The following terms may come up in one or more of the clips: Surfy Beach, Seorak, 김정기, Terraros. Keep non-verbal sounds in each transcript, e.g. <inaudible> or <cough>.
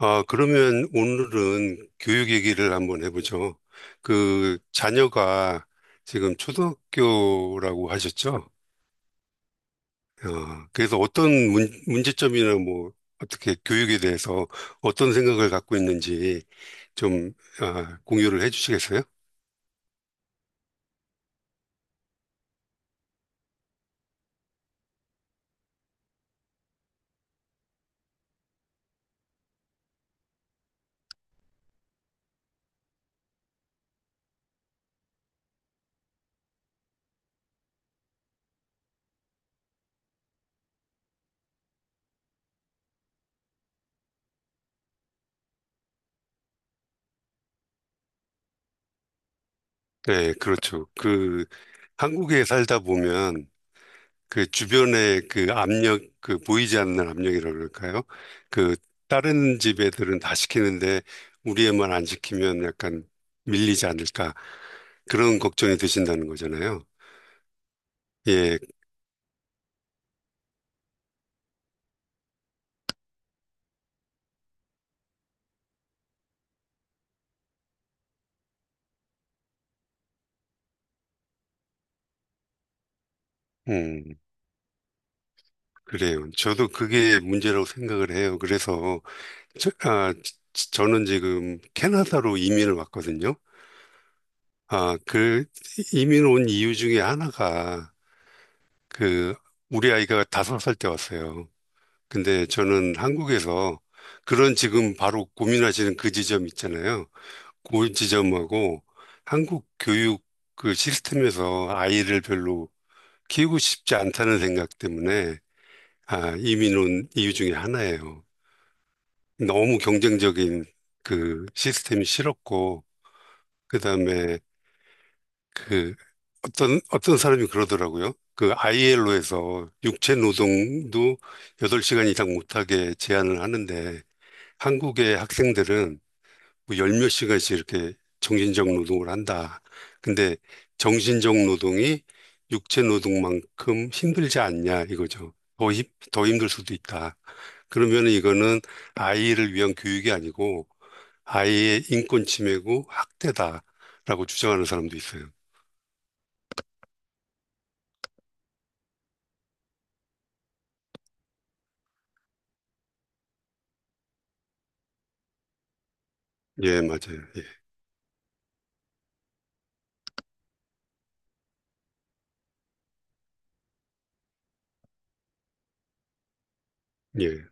아, 그러면 오늘은 교육 얘기를 한번 해보죠. 그 자녀가 지금 초등학교라고 하셨죠? 그래서 어떤 문제점이나 뭐 어떻게 교육에 대해서 어떤 생각을 갖고 있는지 좀 공유를 해주시겠어요? 네, 그렇죠. 그 한국에 살다 보면 그 주변의 그 압력, 그 보이지 않는 압력이라 그럴까요? 그 다른 집 애들은 다 시키는데 우리 애만 안 시키면 약간 밀리지 않을까 그런 걱정이 드신다는 거잖아요. 예, 음, 그래요. 저도 그게 문제라고 생각을 해요. 그래서 저, 아, 저는 지금 캐나다로 이민을 왔거든요. 그 이민 온 이유 중에 하나가 그 우리 아이가 5살 때 왔어요. 근데 저는 한국에서 그런 지금 바로 고민하시는 그 지점 있잖아요. 그 지점하고 한국 교육 그 시스템에서 아이를 별로 키우고 싶지 않다는 생각 때문에 이민 온 이유 중에 하나예요. 너무 경쟁적인 그 시스템이 싫었고, 그 다음에 그 어떤 사람이 그러더라고요. 그 ILO에서 육체 노동도 8시간 이상 못하게 제한을 하는데 한국의 학생들은 뭐열 몇 시간씩 이렇게 정신적 노동을 한다. 근데 정신적 노동이 육체 노동만큼 힘들지 않냐 이거죠. 더 힘들 수도 있다. 그러면 이거는 아이를 위한 교육이 아니고 아이의 인권 침해고 학대다라고 주장하는 사람도 있어요. 예, 맞아요. 예, 예.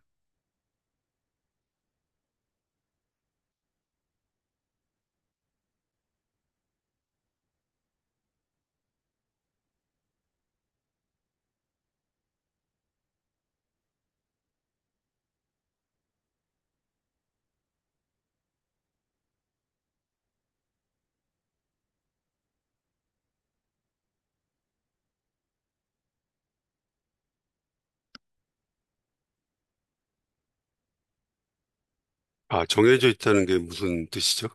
아, 정해져 있다는 게 무슨 뜻이죠?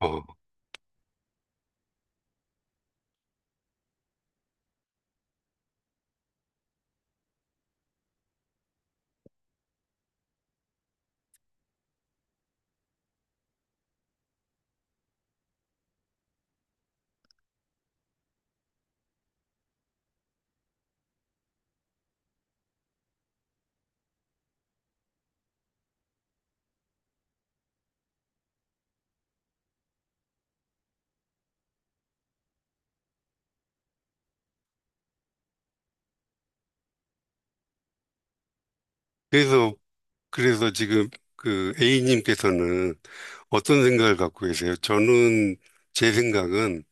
어. 그래서 그래서 지금 그 A님께서는 어떤 생각을 갖고 계세요? 저는 제 생각은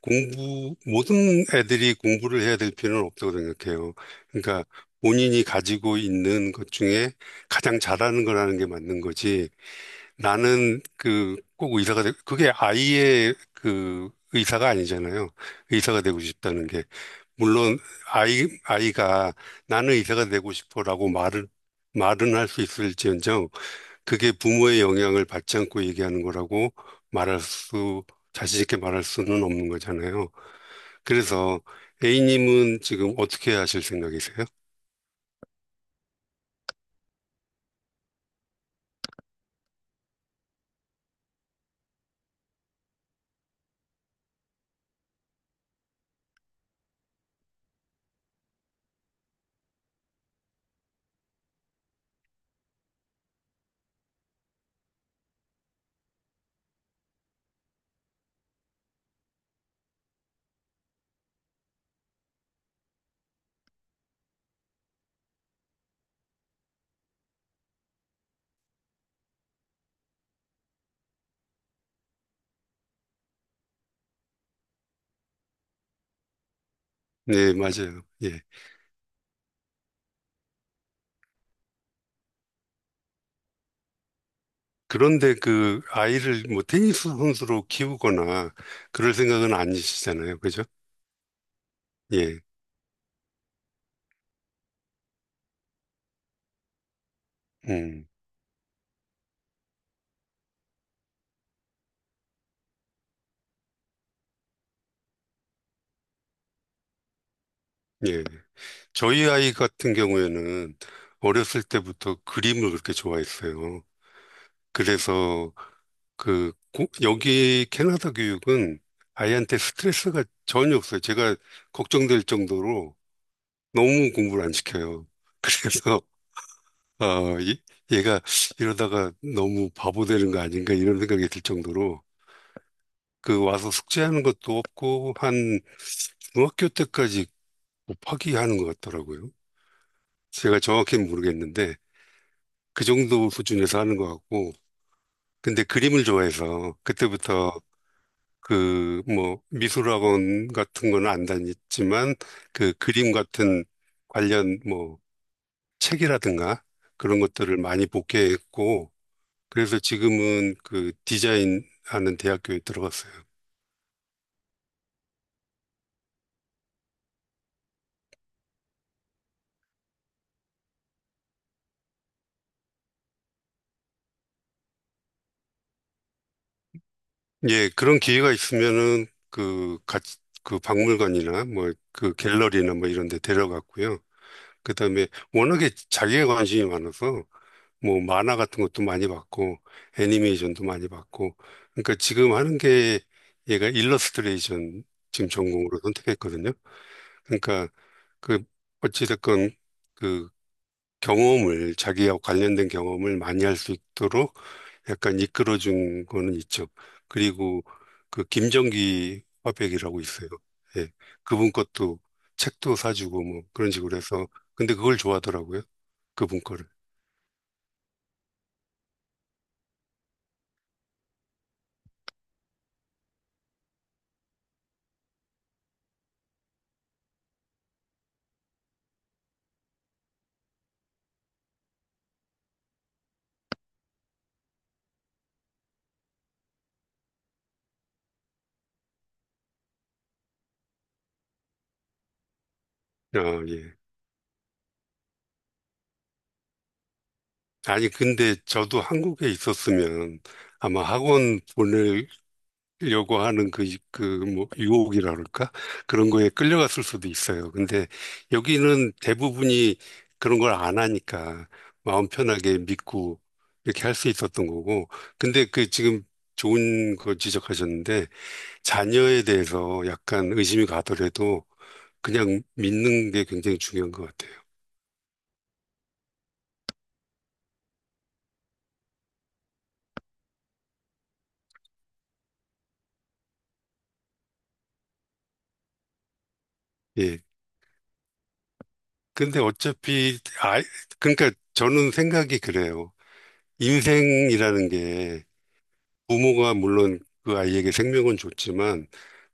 모든 애들이 공부를 해야 될 필요는 없다고 생각해요. 그러니까 본인이 가지고 있는 것 중에 가장 잘하는 거라는 게 맞는 거지. 나는 그 꼭 의사가 되 그게 아이의 그 의사가 아니잖아요. 의사가 되고 싶다는 게. 물론 아이가 나는 의사가 되고 싶어라고 말을 말은 할 수 있을지언정 그게 부모의 영향을 받지 않고 얘기하는 거라고 말할 수 자신 있게 말할 수는 없는 거잖아요. 그래서 A님은 지금 어떻게 하실 생각이세요? 네, 맞아요. 예. 그런데 그 아이를 뭐 테니스 선수로 키우거나 그럴 생각은 아니시잖아요. 그죠? 예. 음. 예. 저희 아이 같은 경우에는 어렸을 때부터 그림을 그렇게 좋아했어요. 그래서 여기 캐나다 교육은 아이한테 스트레스가 전혀 없어요. 제가 걱정될 정도로 너무 공부를 안 시켜요. 그래서 <laughs> 어, 이- 얘가 이러다가 너무 바보 되는 거 아닌가 이런 생각이 들 정도로 그 와서 숙제하는 것도 없고 한 중학교 때까지 곱하기 하는 것 같더라고요. 제가 정확히는 모르겠는데 그 정도 수준에서 하는 것 같고, 근데 그림을 좋아해서 그때부터 그 뭐 미술학원 같은 건 안 다녔지만 그 그림 같은 관련 뭐 책이라든가 그런 것들을 많이 복귀했고, 그래서 지금은 그 디자인 하는 대학교에 들어갔어요. 예, 그런 기회가 있으면은 그 같이 그 박물관이나 뭐 그 갤러리나 뭐 이런 데 데려갔고요. 그다음에 워낙에 자기의 관심이 많아서 뭐 만화 같은 것도 많이 봤고, 애니메이션도 많이 봤고, 그러니까 지금 하는 게 얘가 일러스트레이션 지금 전공으로 선택했거든요. 그러니까 그 어찌됐건 그 자기와 관련된 경험을 많이 할 수 있도록 약간 이끌어준 거는 있죠. 그리고 그 김정기 화백이라고 있어요. 예. 그분 것도 책도 사주고 뭐 그런 식으로 해서. 근데 그걸 좋아하더라고요. 그분 거를. 아, 예. 아니, 근데 저도 한국에 있었으면 아마 학원 보낼 요구하는 유혹이라 그럴까? 그런 거에 끌려갔을 수도 있어요. 근데 여기는 대부분이 그런 걸 안 하니까 마음 편하게 믿고 이렇게 할 수 있었던 거고. 근데 그 지금 좋은 거 지적하셨는데 자녀에 대해서 약간 의심이 가더라도 그냥 믿는 게 굉장히 중요한 것 같아요. 예. 근데 그러니까 저는 생각이 그래요. 인생이라는 게 부모가 물론 그 아이에게 생명은 줬지만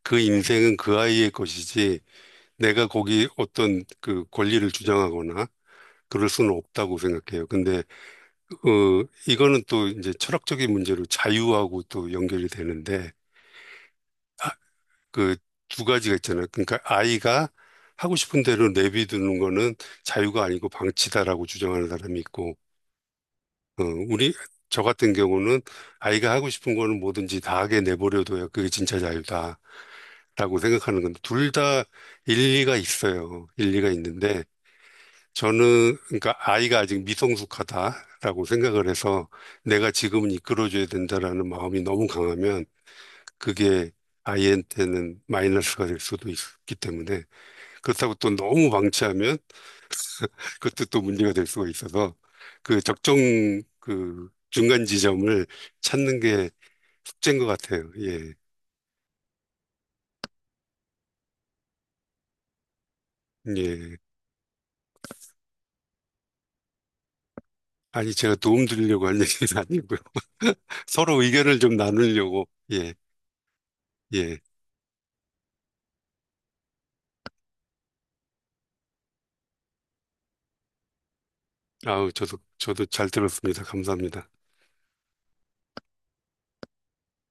그 인생은 그 아이의 것이지 내가 거기 어떤 그 권리를 주장하거나 그럴 수는 없다고 생각해요. 근데 이거는 또 이제 철학적인 문제로 자유하고 또 연결이 되는데 그 두 가지가 있잖아요. 그러니까 아이가 하고 싶은 대로 내비두는 거는 자유가 아니고 방치다라고 주장하는 사람이 있고, 어, 우리, 저 같은 경우는 아이가 하고 싶은 거는 뭐든지 다 하게 내버려둬야 그게 진짜 자유다 라고 생각하는 건데, 둘 다 일리가 있어요. 일리가 있는데, 그러니까 아이가 아직 미성숙하다라고 생각을 해서 내가 지금은 이끌어줘야 된다라는 마음이 너무 강하면 그게 아이한테는 마이너스가 될 수도 있기 때문에, 그렇다고 또 너무 방치하면 그것도 또 문제가 될 수가 있어서 그 적정 그 중간 지점을 찾는 게 숙제인 것 같아요. 예. 예. 아니, 제가 도움 드리려고 할 얘기는 아니고요. <laughs> 서로 의견을 좀 나누려고. 예. 예. 아우, 저도 잘 들었습니다. 감사합니다.